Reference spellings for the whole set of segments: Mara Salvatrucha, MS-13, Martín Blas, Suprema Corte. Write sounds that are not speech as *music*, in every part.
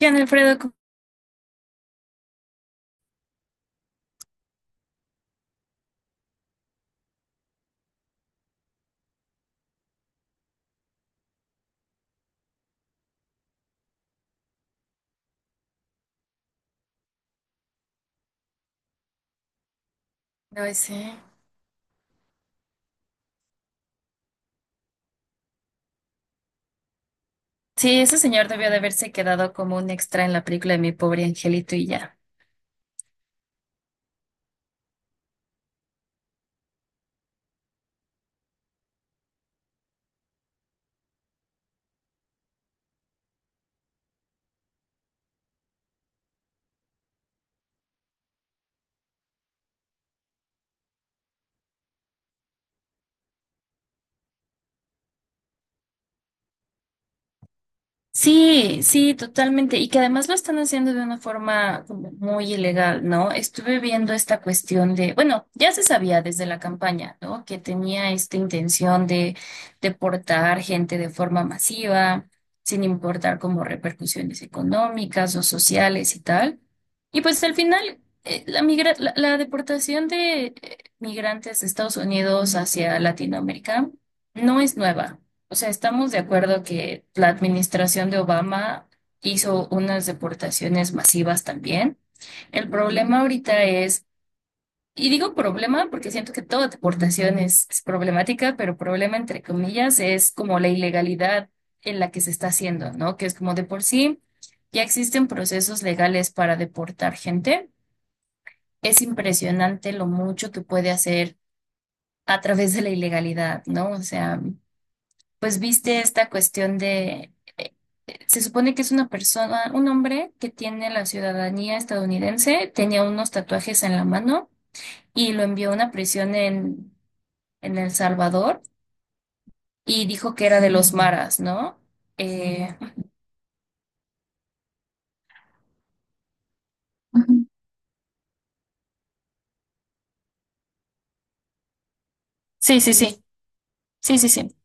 Gian Alfredo, no ese. Sí, sí, ese señor debió de haberse quedado como un extra en la película de Mi pobre angelito y ya. Sí, sí, totalmente. Y que además lo están haciendo de una forma como muy ilegal, ¿no? Estuve viendo esta cuestión de, bueno, ya se sabía desde la campaña, ¿no? Que tenía esta intención de deportar gente de forma masiva, sin importar como repercusiones económicas o sociales y tal. Y pues al final, la deportación de migrantes de Estados Unidos hacia Latinoamérica no es nueva. O sea, estamos de acuerdo que la administración de Obama hizo unas deportaciones masivas también. El problema ahorita es, y digo problema porque siento que toda deportación es problemática, pero problema entre comillas es como la ilegalidad en la que se está haciendo, ¿no? Que es como de por sí, ya existen procesos legales para deportar gente. Es impresionante lo mucho que puede hacer a través de la ilegalidad, ¿no? O sea, pues viste esta cuestión de, se supone que es una persona, un hombre que tiene la ciudadanía estadounidense, tenía unos tatuajes en la mano y lo envió a una prisión en, El Salvador y dijo que era de los maras, ¿no? Eh, Ujú. Sí, sí, sí, sí, sí, sí,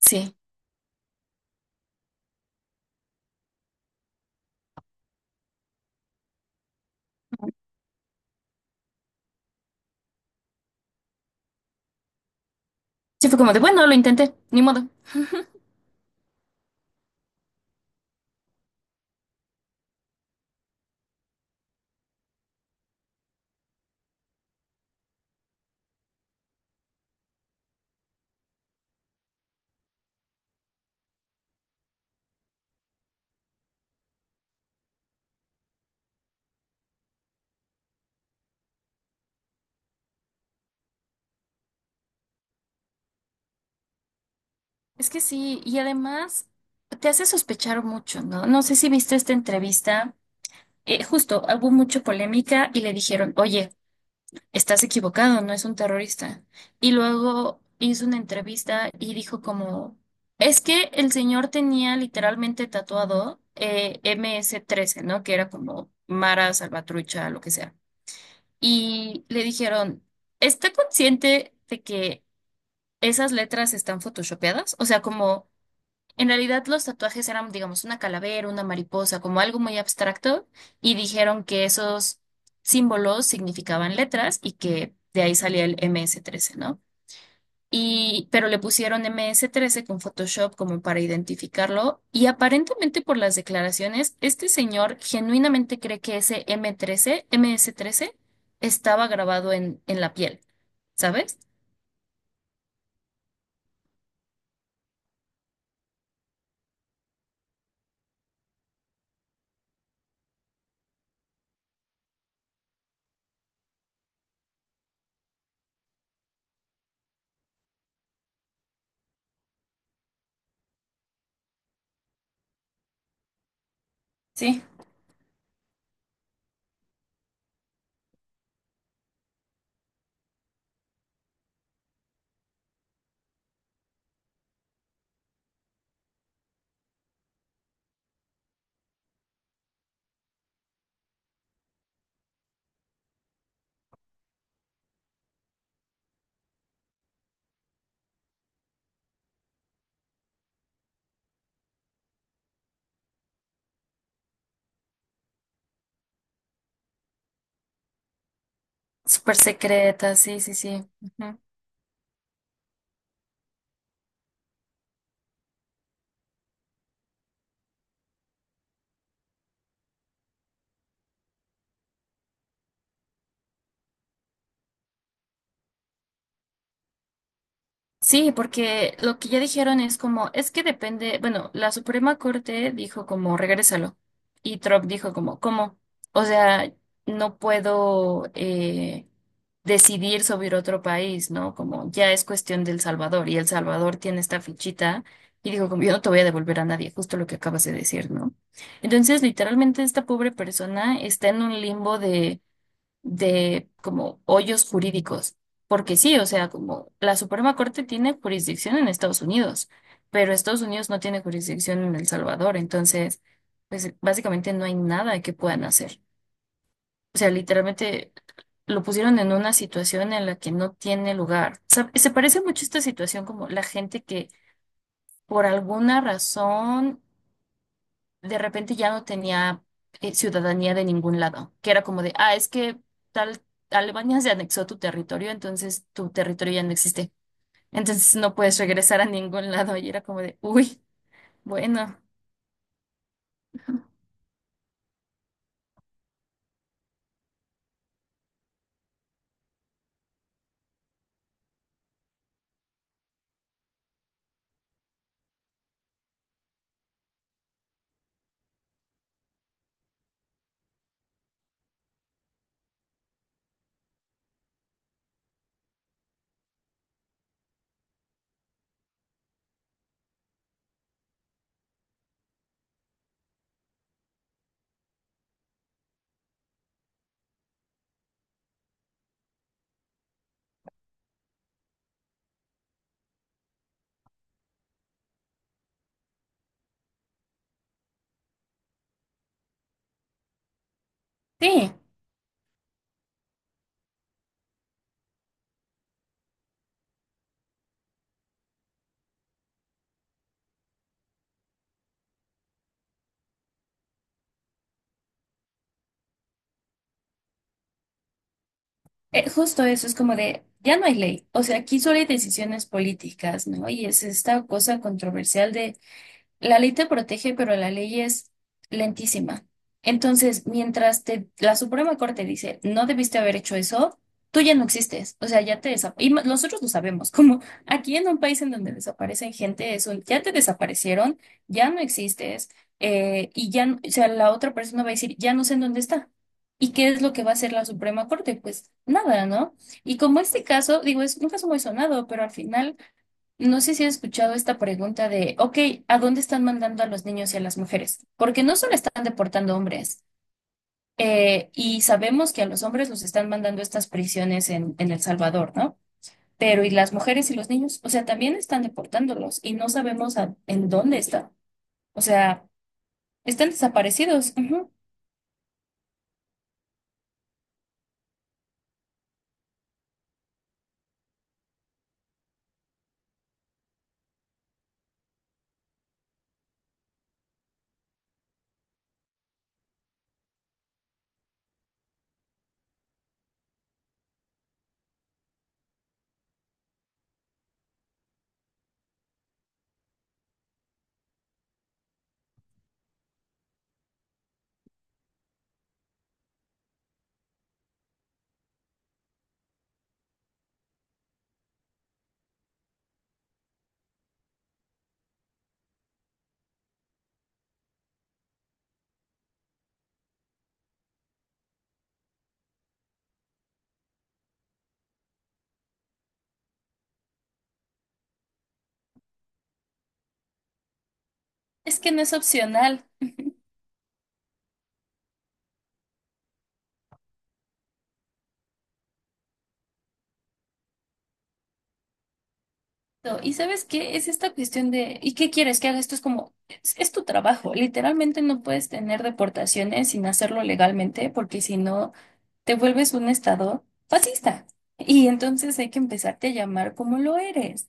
sí. Sí, fue como de, bueno, lo intenté, ni modo. Es que sí, y además te hace sospechar mucho, ¿no? No sé si viste esta entrevista. Justo hubo mucha polémica y le dijeron, oye, estás equivocado, no es un terrorista. Y luego hizo una entrevista y dijo como, es que el señor tenía literalmente tatuado M S trece, ¿no? Que era como Mara, Salvatrucha, lo que sea. Y le dijeron, ¿está consciente de que esas letras están photoshopeadas? O sea, como... En realidad los tatuajes eran, digamos, una calavera, una mariposa, como algo muy abstracto, y dijeron que esos símbolos significaban letras y que de ahí salía el MS-13, ¿no? Y pero le pusieron MS-13 con Photoshop como para identificarlo, y aparentemente por las declaraciones, este señor genuinamente cree que ese M13, MS-13, estaba grabado en, la piel, ¿sabes? Sí. Súper secreta, sí, sí, sí. Ujú. Sí, porque lo que ya dijeron es como, es que depende, bueno, la Suprema Corte dijo como, regrésalo. Y Trump dijo como, ¿cómo? O sea, no puedo decidir sobre otro país, ¿no? Como ya es cuestión del Salvador y El Salvador tiene esta fichita y dijo como, yo no te voy a devolver a nadie, justo lo que acabas de decir, ¿no? Entonces, literalmente esta pobre persona está en un limbo de como hoyos jurídicos, porque sí, o sea, como la Suprema Corte tiene jurisdicción en Estados Unidos, pero Estados Unidos no tiene jurisdicción en El Salvador, entonces, pues básicamente no hay nada que puedan hacer. O sea, literalmente lo pusieron en una situación en la que no tiene lugar. O sea, se parece mucho esta situación como la gente que por alguna razón de repente ya no tenía ciudadanía de ningún lado, que era como de, ah, es que tal Alemania se anexó tu territorio, entonces tu territorio ya no existe, entonces no puedes regresar a ningún lado y era como de, uy, bueno, sí. Justo eso es como de, ya no hay ley, o sea, aquí solo hay decisiones políticas, ¿no? Y es esta cosa controversial de: la ley te protege, pero la ley es lentísima. Entonces, mientras te, la Suprema Corte dice, no debiste haber hecho eso, tú ya no existes. O sea, ya te desaparecen. Y nosotros lo sabemos, *laughs* como aquí en un país en donde desaparecen gente, es un, ya te desaparecieron, ya no existes, y ya, o sea, la otra persona va a decir, ya no sé en dónde está. ¿Y qué es lo que va a hacer la Suprema Corte? Pues nada, ¿no? Y como este caso, digo, es un caso muy sonado, pero al final... No sé si has escuchado esta pregunta de, ok, ¿a dónde están mandando a los niños y a las mujeres? Porque no solo están deportando hombres, y sabemos que a los hombres los están mandando a estas prisiones en, El Salvador, ¿no? Pero ¿y las mujeres y los niños? O sea, también están deportándolos y no sabemos en dónde están. O sea, están desaparecidos. Ujú. Es que no es opcional. ¿Y sabes qué? Es esta cuestión de, ¿y qué quieres que haga? Esto es como, es tu trabajo. Literalmente no puedes tener deportaciones sin hacerlo legalmente, porque si no, te vuelves un estado fascista. Y entonces hay que empezarte a llamar como lo eres.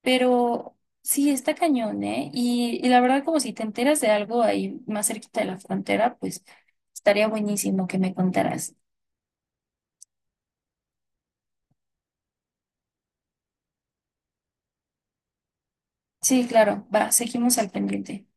Pero sí, está cañón, ¿eh? Y la verdad, como si te enteras de algo ahí más cerquita de la frontera, pues estaría buenísimo que me contaras. Sí, claro, va, seguimos al pendiente.